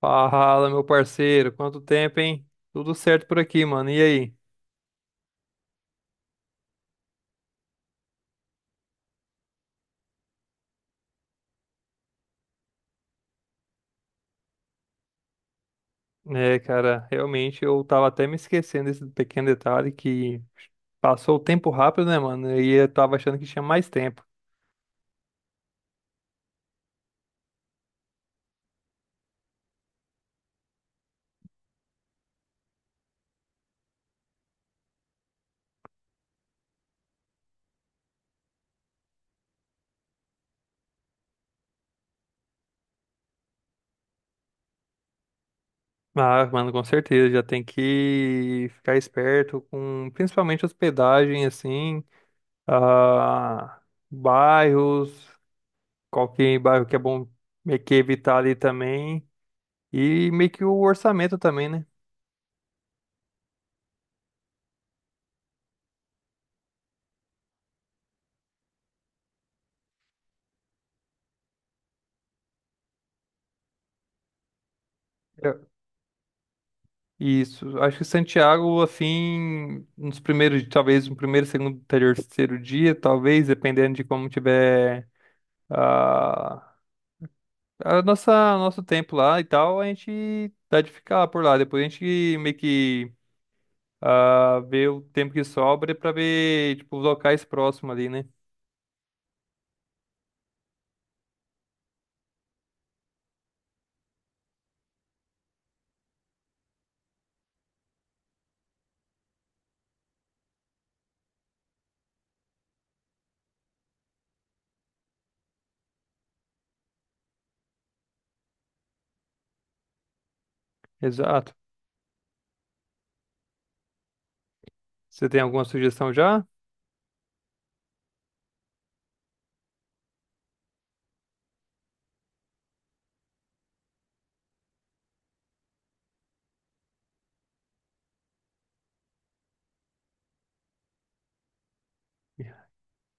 Fala, meu parceiro, quanto tempo, hein? Tudo certo por aqui, mano. E aí? É, cara, realmente eu tava até me esquecendo desse pequeno detalhe que passou o tempo rápido, né, mano? E eu tava achando que tinha mais tempo. Ah, mano, com certeza, já tem que ficar esperto com principalmente hospedagem, assim, ah, bairros, qualquer bairro que é bom meio que evitar ali também, e meio que o orçamento também, né? Isso. Acho que Santiago, assim, nos primeiros, talvez no primeiro, segundo, terceiro dia, talvez, dependendo de como tiver a, a nossa, nosso tempo lá e tal, a gente dá de ficar por lá. Depois a gente meio que vê o tempo que sobra pra ver, tipo, os locais próximos ali, né? Exato. Você tem alguma sugestão já?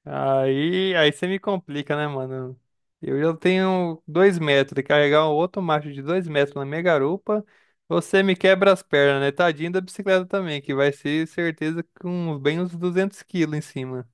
Aí você me complica, né, mano? Eu já tenho 2 metros e carregar um outro macho de 2 metros na minha garupa, você me quebra as pernas, né? Tadinho da bicicleta também, que vai ser certeza com bem uns 200 quilos em cima.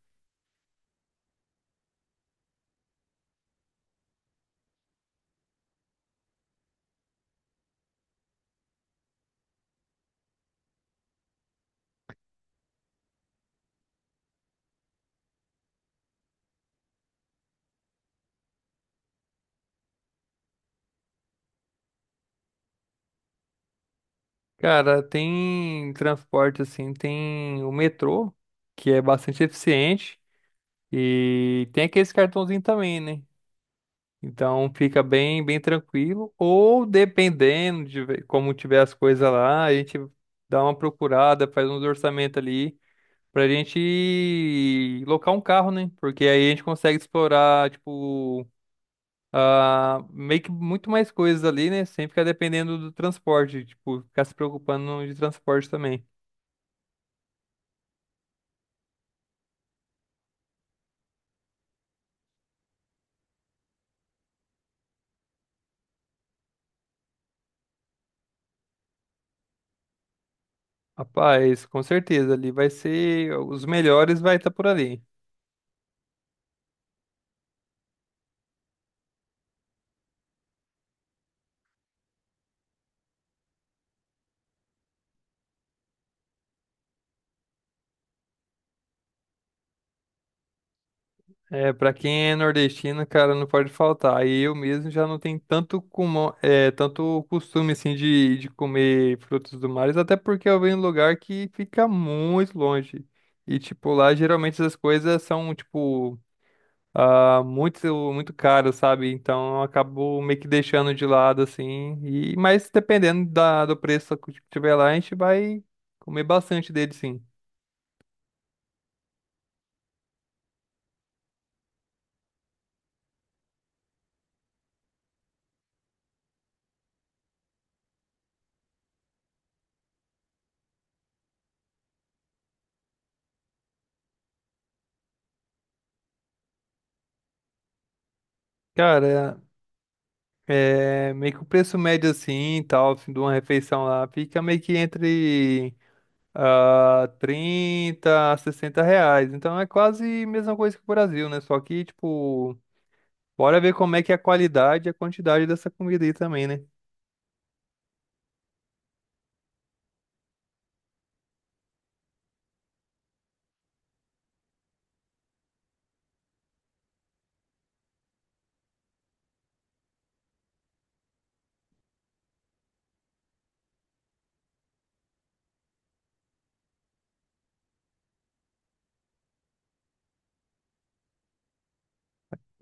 Cara, tem transporte assim, tem o metrô, que é bastante eficiente, e tem aqueles cartãozinho também, né? Então fica bem tranquilo. Ou dependendo de como tiver as coisas lá, a gente dá uma procurada, faz uns orçamentos ali pra gente locar um carro, né? Porque aí a gente consegue explorar, tipo, meio que muito mais coisas ali, né? Sem ficar dependendo do transporte, tipo, ficar se preocupando de transporte também. Rapaz, com certeza ali vai ser os melhores vai estar por ali. É, pra quem é nordestino, cara, não pode faltar. Aí eu mesmo já não tenho tanto, cumão, é, tanto costume, assim, de comer frutos do mar, até porque eu venho em um lugar que fica muito longe. E, tipo, lá geralmente essas coisas são, tipo, muito caras, sabe? Então eu acabo meio que deixando de lado, assim. E, mas dependendo do preço que tiver lá, a gente vai comer bastante dele, sim. Cara, é, meio que o preço médio assim, e tal, assim, de uma refeição lá, fica meio que entre 30 a 60 reais. Então é quase a mesma coisa que o Brasil, né? Só que, tipo, bora ver como é que é a qualidade e a quantidade dessa comida aí também, né?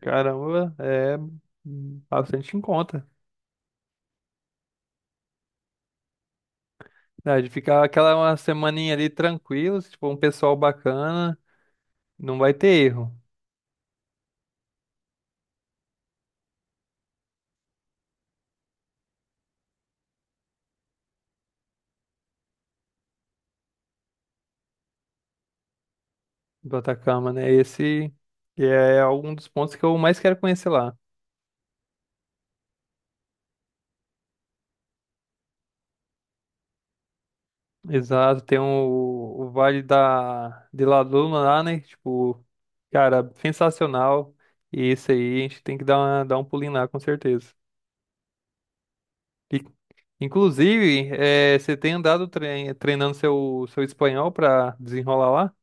Caramba, é bastante em conta, né? De ficar aquela uma semaninha ali tranquilo, se tipo, um pessoal bacana, não vai ter erro do Atacama, né? Esse que é algum dos pontos que eu mais quero conhecer lá. Exato, tem um, o Vale da, de La Luna lá, né? Tipo, cara, sensacional. E isso aí, a gente tem que dar, dar um pulinho lá, com certeza. E, inclusive, você tem andado treinando seu, seu espanhol pra desenrolar lá?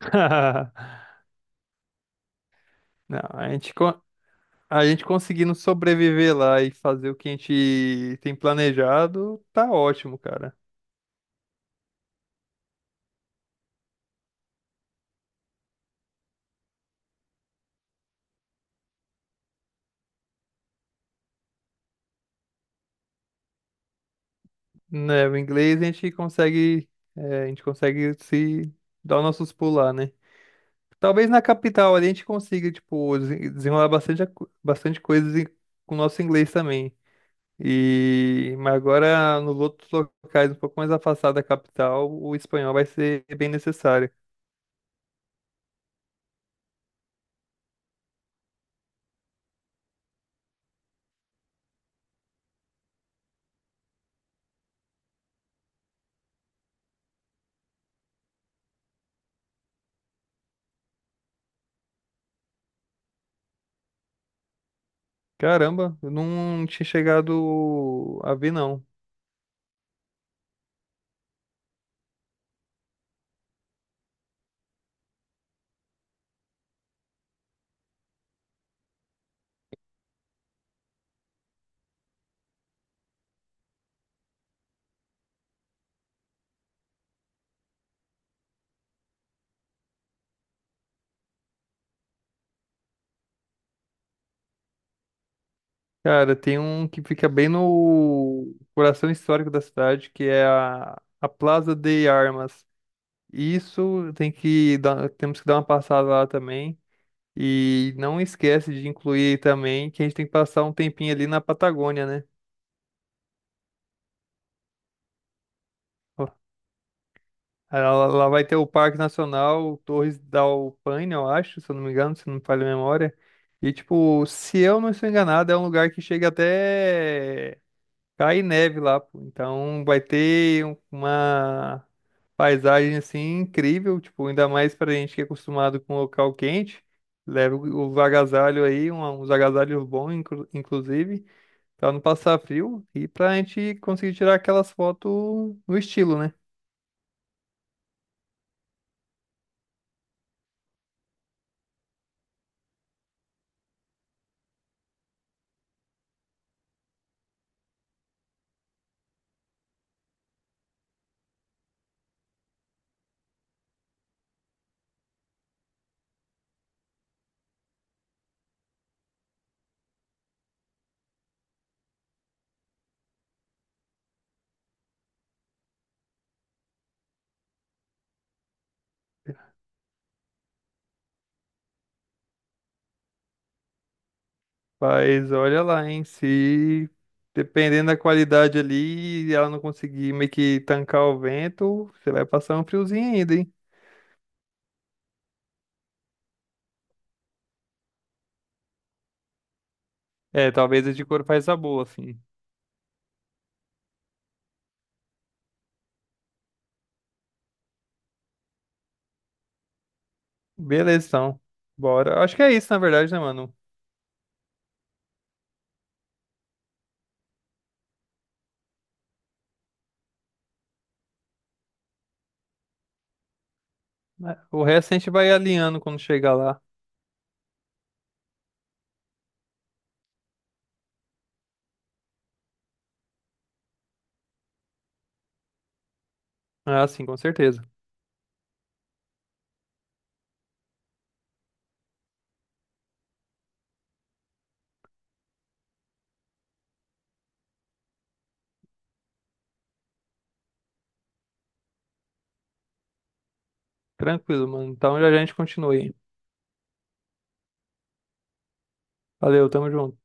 Não, a gente conseguindo sobreviver lá e fazer o que a gente tem planejado, tá ótimo, cara. Né, o inglês a gente consegue, a gente consegue se dar os nossos pulos lá, né? Talvez na capital ali a gente consiga, tipo, desenrolar bastante, bastante coisas com o nosso inglês também. E mas agora nos outros locais um pouco mais afastados da capital, o espanhol vai ser bem necessário. Caramba, eu não tinha chegado a ver não. Cara, tem um que fica bem no coração histórico da cidade, que é a Plaza de Armas. Isso tem que dar, temos que dar uma passada lá também. E não esquece de incluir também que a gente tem que passar um tempinho ali na Patagônia, né? Ó, lá lá vai ter o Parque Nacional Torres da Alpaina, eu acho, se eu não me engano, se não me falha a memória. E, tipo, se eu não estou enganado, é um lugar que chega até cai neve lá, pô. Então vai ter uma paisagem, assim, incrível, tipo, ainda mais pra gente que é acostumado com local quente. Leva os agasalhos aí, uns agasalhos bons, inclusive. Pra não passar frio e pra gente conseguir tirar aquelas fotos no estilo, né? Mas olha lá, hein? Se dependendo da qualidade ali, ela não conseguir meio que tancar o vento, você vai passar um friozinho ainda, hein? É, talvez a de couro faz a boa, assim. Beleza, então. Bora. Acho que é isso, na verdade, né, mano? É, o resto a gente vai alinhando quando chegar lá. Ah, sim, com certeza. Tranquilo, mano. Então já a gente continua aí. Valeu, tamo junto.